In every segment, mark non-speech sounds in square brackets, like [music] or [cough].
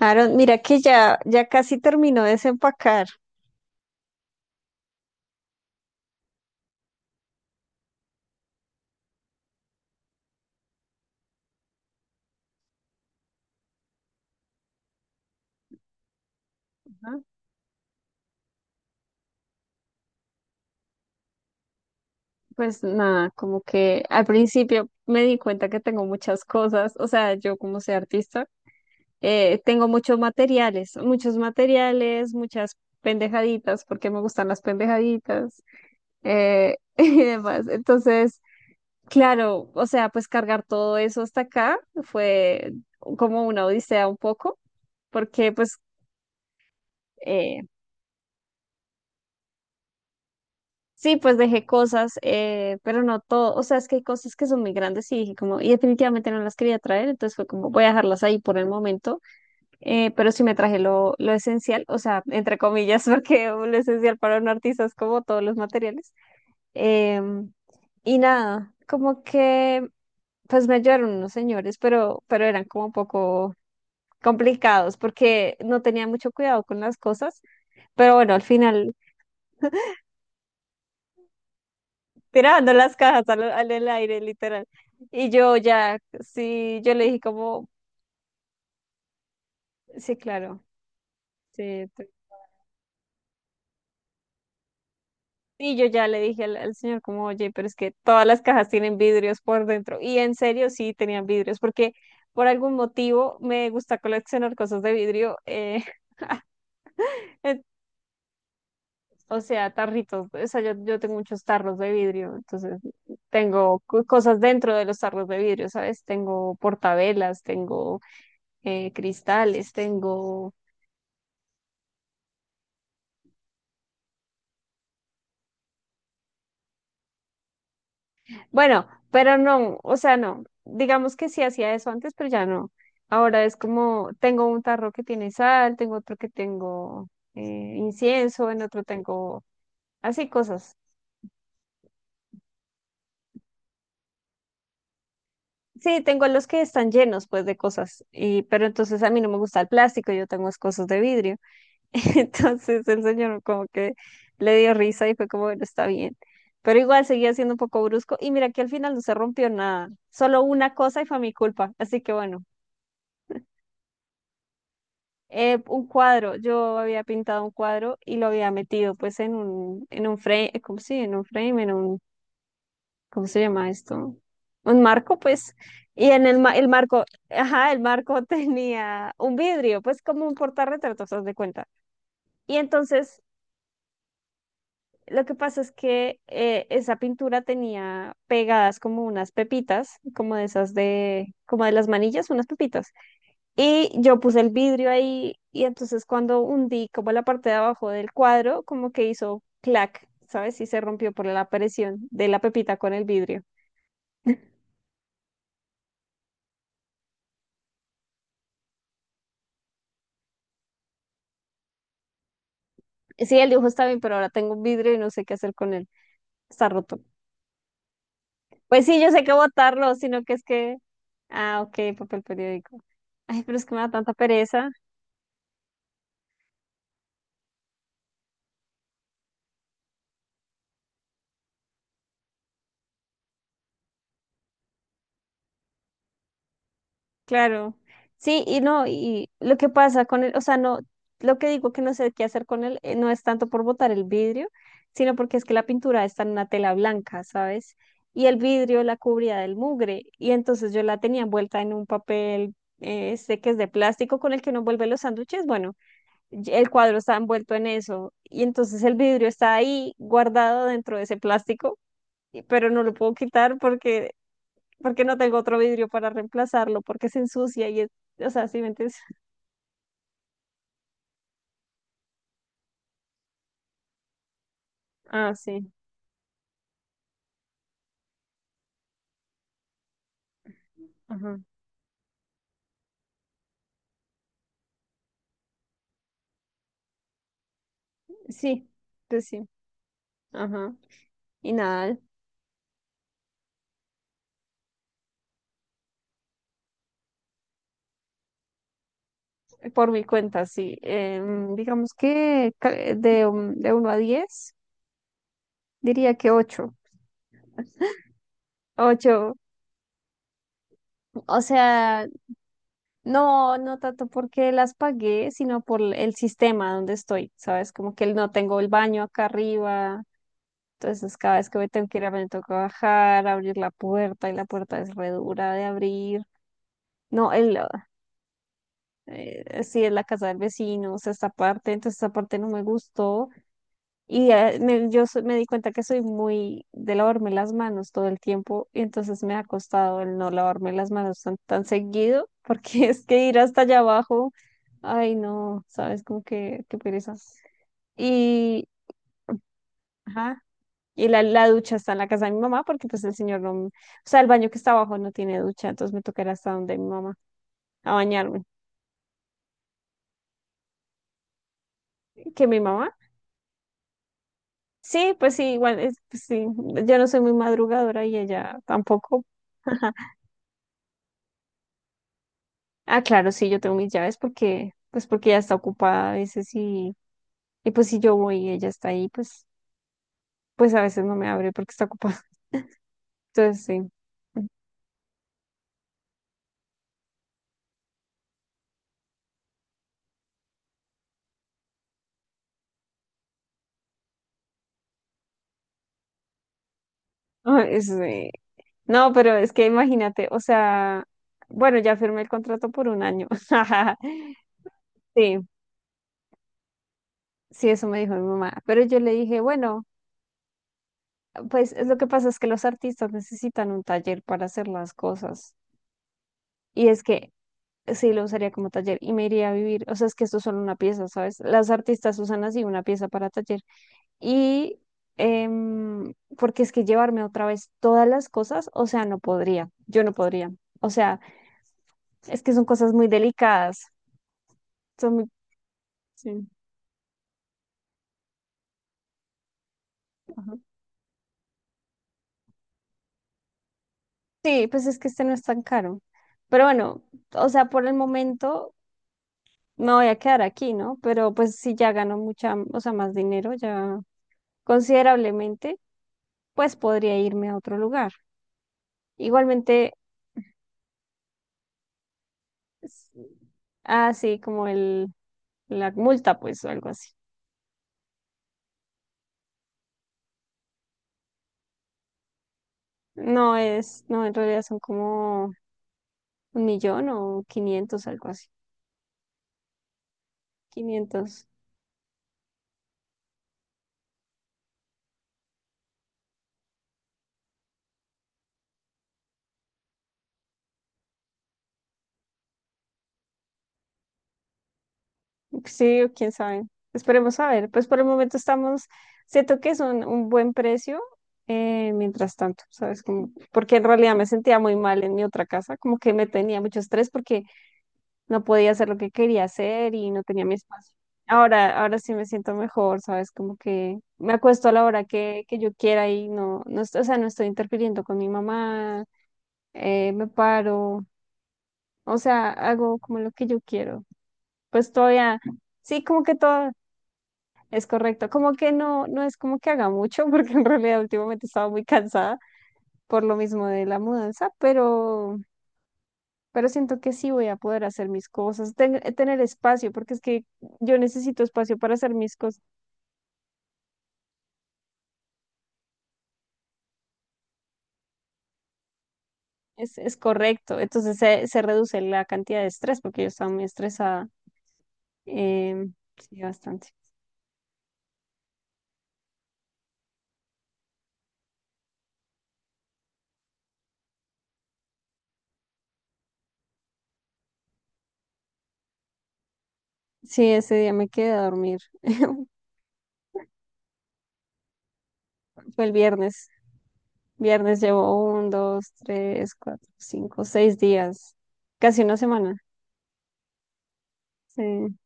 Aaron, mira que ya, ya casi terminó de desempacar. Ajá. Pues nada, como que al principio me di cuenta que tengo muchas cosas, o sea, yo como soy artista, tengo muchos materiales, muchas pendejaditas, porque me gustan las pendejaditas [laughs] y demás. Entonces, claro, o sea, pues cargar todo eso hasta acá fue como una odisea un poco, porque pues... eh, sí, pues dejé cosas, pero no todo. O sea, es que hay cosas que son muy grandes y dije como, y definitivamente no las quería traer, entonces fue como, voy a dejarlas ahí por el momento. Pero sí me traje lo esencial, o sea, entre comillas, [laughs] porque lo esencial para un artista es como todos los materiales. Em, y nada, como que, pues me ayudaron unos señores, pero eran como un poco complicados porque no tenía mucho cuidado con las cosas. Pero bueno, al final tirando las cajas al, al el aire, literal. Y yo ya, sí, yo le dije como, sí, claro, sí. Y yo ya le dije al señor como, oye, pero es que todas las cajas tienen vidrios por dentro. Y en serio, sí, tenían vidrios, porque por algún motivo me gusta coleccionar cosas de vidrio, [laughs] eh, o sea, tarritos, o sea, yo tengo muchos tarros de vidrio, entonces tengo cosas dentro de los tarros de vidrio, ¿sabes? Tengo portavelas, tengo cristales, tengo bueno, pero no, o sea, no. Digamos que sí hacía eso antes, pero ya no. Ahora es como, tengo un tarro que tiene sal, tengo otro que tengo eh, incienso, en otro tengo así cosas. Sí, tengo los que están llenos pues de cosas, y, pero entonces a mí no me gusta el plástico, yo tengo es cosas de vidrio. [laughs] Entonces el señor como que le dio risa y fue como, bueno, está bien. Pero igual seguía siendo un poco brusco y mira que al final no se rompió nada, solo una cosa y fue mi culpa. Así que bueno. Un cuadro, yo había pintado un cuadro y lo había metido pues en un frame, ¿cómo sí? En un frame, en un, ¿cómo se llama esto? Un marco, pues, y en el marco, ajá, el marco [laughs] tenía un vidrio, pues como un portarretratos, haz de cuenta. Y entonces, lo que pasa es que esa pintura tenía pegadas como unas pepitas, como de esas de, como de las manillas, unas pepitas. Y yo puse el vidrio ahí y entonces cuando hundí como la parte de abajo del cuadro, como que hizo clac, ¿sabes? Y se rompió por la presión de la pepita con el vidrio. Sí, el dibujo está bien, pero ahora tengo un vidrio y no sé qué hacer con él. Está roto. Pues sí, yo sé que botarlo, sino que es que... Ah, ok, papel periódico. Ay, pero es que me da tanta pereza. Claro, sí, y no, y lo que pasa con él, o sea, no, lo que digo que no sé qué hacer con él no es tanto por botar el vidrio, sino porque es que la pintura está en una tela blanca, ¿sabes? Y el vidrio la cubría del mugre, y entonces yo la tenía envuelta en un papel, este que es de plástico con el que uno envuelve los sándwiches, bueno, y el cuadro está envuelto en eso, y entonces el vidrio está ahí guardado dentro de ese plástico, pero no lo puedo quitar porque porque no tengo otro vidrio para reemplazarlo, porque se ensucia y es, o sea, ¿sí me entiendes? Ah, sí. Ajá. Sí, pues sí. Ajá. Y nada, por mi cuenta, sí. Digamos que de 1 a 10 diría que ocho, ocho. O sea, no, no tanto porque las pagué, sino por el sistema donde estoy, ¿sabes? Como que no tengo el baño acá arriba. Entonces, cada vez que me tengo que ir, a me toca bajar, abrir la puerta y la puerta es re dura de abrir. No, el, sí, es la casa del vecino, o sea, esta parte, entonces esta parte no me gustó. Y me di cuenta que soy muy de lavarme las manos todo el tiempo, y entonces me ha costado el no lavarme las manos tan, tan seguido, porque [laughs] es que ir hasta allá abajo, ay, no, sabes, como que, qué pereza. Y, ajá, y la ducha está en la casa de mi mamá, porque pues el señor no, o sea, el baño que está abajo no tiene ducha, entonces me tocará hasta donde mi mamá, a bañarme, que mi mamá. Sí, pues sí, igual, pues sí, yo no soy muy madrugadora y ella tampoco. [laughs] Ah, claro, sí, yo tengo mis llaves porque, pues porque ella está ocupada a veces y pues si yo voy y ella está ahí, pues a veces no me abre porque está ocupada. [laughs] Entonces, sí. Ah, no, pero es que imagínate, o sea, bueno, ya firmé el contrato por un año. [laughs] Sí, sí, eso me dijo mi mamá. Pero yo le dije, bueno, pues es lo que pasa es que los artistas necesitan un taller para hacer las cosas. Y es que sí lo usaría como taller y me iría a vivir. O sea, es que esto es solo una pieza, ¿sabes? Las artistas usan así una pieza para taller. Y em, porque es que llevarme otra vez todas las cosas, o sea, no podría, yo no podría. O sea, es que son cosas muy delicadas. Son muy... Sí, ajá. Sí, pues es que este no es tan caro. Pero bueno, o sea, por el momento me voy a quedar aquí, ¿no? Pero pues si ya gano mucha, o sea, más dinero, ya considerablemente, pues podría irme a otro lugar. Igualmente, es- ah, sí, como la multa, pues, o algo así. No es, no, en realidad son como 1 millón o 500, algo así. 500, sí, o quién sabe. Esperemos a ver. Pues por el momento estamos, siento que es un buen precio, mientras tanto, ¿sabes? Como, porque en realidad me sentía muy mal en mi otra casa, como que me tenía mucho estrés porque no podía hacer lo que quería hacer y no tenía mi espacio. Ahora sí me siento mejor, ¿sabes? Como que me acuesto a la hora que yo quiera y o sea, no estoy interfiriendo con mi mamá, me paro, o sea, hago como lo que yo quiero. Pues todavía, sí, como que todo es correcto, como que no, no es como que haga mucho, [laughs] porque en realidad últimamente estaba muy cansada por lo mismo de la mudanza, pero siento que sí voy a poder hacer mis cosas, tener espacio, porque es que yo necesito espacio para hacer mis cosas, es correcto, entonces se reduce la cantidad de estrés, porque yo estaba muy estresada, eh, sí, bastante. Sí, ese día me quedé a dormir, fue el viernes, viernes llevo un, dos, tres, cuatro, cinco, seis días, casi una semana, sí.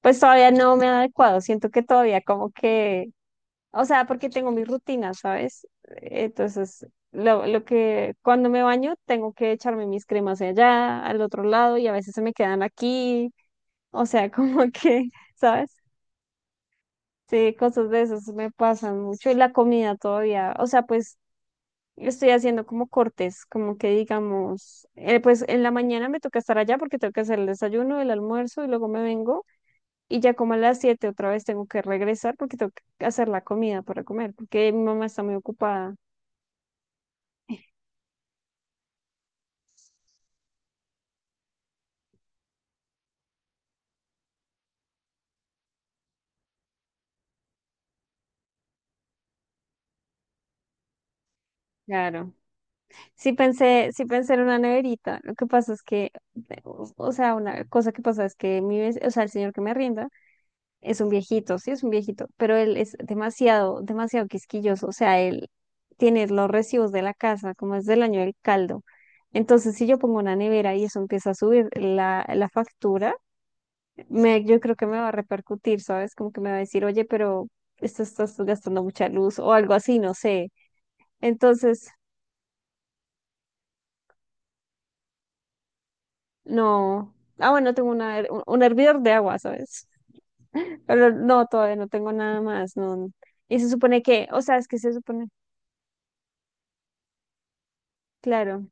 Pues todavía no me ha adecuado, siento que todavía como que. O sea, porque tengo mi rutina, ¿sabes? Entonces, lo que cuando me baño tengo que echarme mis cremas de allá, al otro lado, y a veces se me quedan aquí. O sea, [laughs] como que, ¿sabes? Sí, cosas de esas me pasan mucho. Y la comida todavía, o sea, pues estoy haciendo como cortes, como que digamos, pues en la mañana me toca estar allá porque tengo que hacer el desayuno, el almuerzo y luego me vengo. Y ya como a las 7 otra vez tengo que regresar porque tengo que hacer la comida para comer, porque mi mamá está muy ocupada. Claro. Sí pensé en una neverita. Lo que pasa es que, o sea, una cosa que pasa es que o sea, el señor que me arrienda es un viejito, sí, es un viejito, pero él es demasiado, demasiado quisquilloso. O sea, él tiene los recibos de la casa, como es del año del caldo. Entonces, si yo pongo una nevera y eso empieza a subir la factura, yo creo que me va a repercutir, ¿sabes? Como que me va a decir, oye, pero esto estás gastando mucha luz o algo así, no sé. Entonces. No. Ah, bueno, tengo una, her- un hervidor de agua, ¿sabes? Pero no, todavía no tengo nada más, no. Y se supone que, o sea, es que se supone, claro.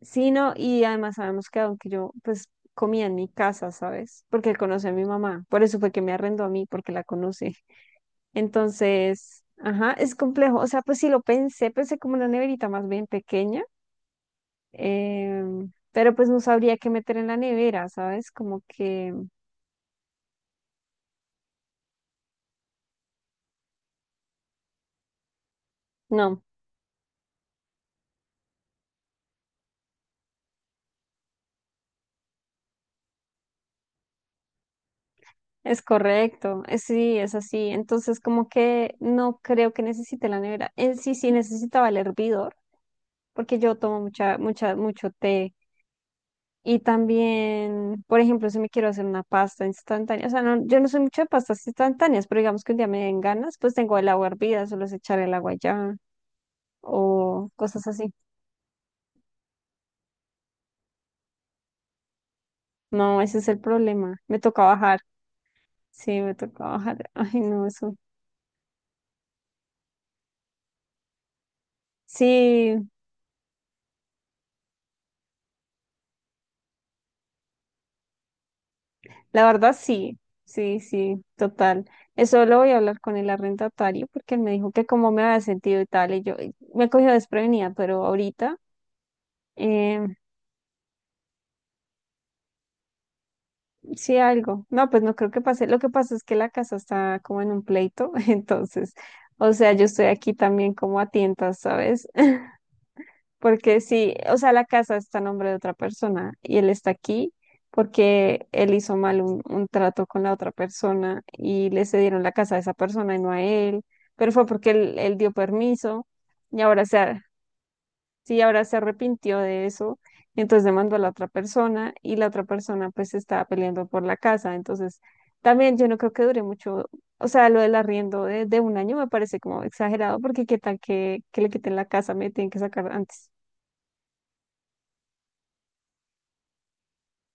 Sí, no, y además sabemos que aunque yo, pues, comía en mi casa, ¿sabes? Porque él conoce a mi mamá, por eso fue que me arrendó a mí, porque la conoce. Entonces, ajá, es complejo. O sea, pues sí lo pensé, pensé como una neverita más bien pequeña, pero pues no sabría qué meter en la nevera, ¿sabes? Como que... No, es correcto, sí, es así. Entonces, como que no creo que necesite la nevera. Él sí, sí necesitaba el hervidor, porque yo tomo mucha, mucha, mucho té. Y también, por ejemplo, si me quiero hacer una pasta instantánea, o sea, no, yo no soy mucho de pastas instantáneas, pero digamos que un día me den ganas, pues tengo el agua hervida, solo es echar el agua ya o cosas así. No, ese es el problema. Me toca bajar. Sí, me toca bajar. Ay, no, eso. Sí, la verdad, sí, sí, sí, total. Eso lo voy a hablar con el arrendatario porque él me dijo que cómo me había sentido y tal, y me cogió desprevenida, pero ahorita eh, sí algo. No, pues no creo que pase. Lo que pasa es que la casa está como en un pleito, [laughs] entonces, o sea, yo estoy aquí también como a tientas, ¿sabes? Porque sí, o sea, la casa está a nombre de otra persona y él está aquí porque él hizo mal un trato con la otra persona y le cedieron la casa a esa persona y no a él, pero fue porque él dio permiso y ahora sí, ahora se arrepintió de eso, y entonces demandó a la otra persona y la otra persona pues estaba peleando por la casa, entonces también yo no creo que dure mucho, o sea, lo del arriendo de un año me parece como exagerado porque qué tal que le quiten la casa, me tienen que sacar antes.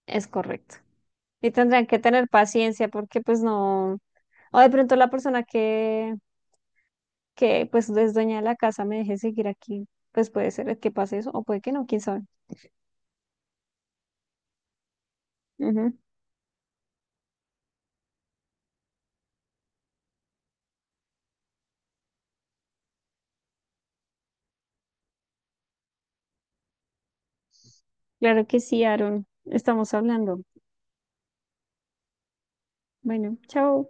Es correcto. Y tendrán que tener paciencia porque pues no, o de pronto la persona que pues es dueña de la casa me deje seguir aquí, pues puede ser que pase eso o puede que no, quién sabe. Ujú. Claro que sí, Aaron. Estamos hablando. Bueno, chao.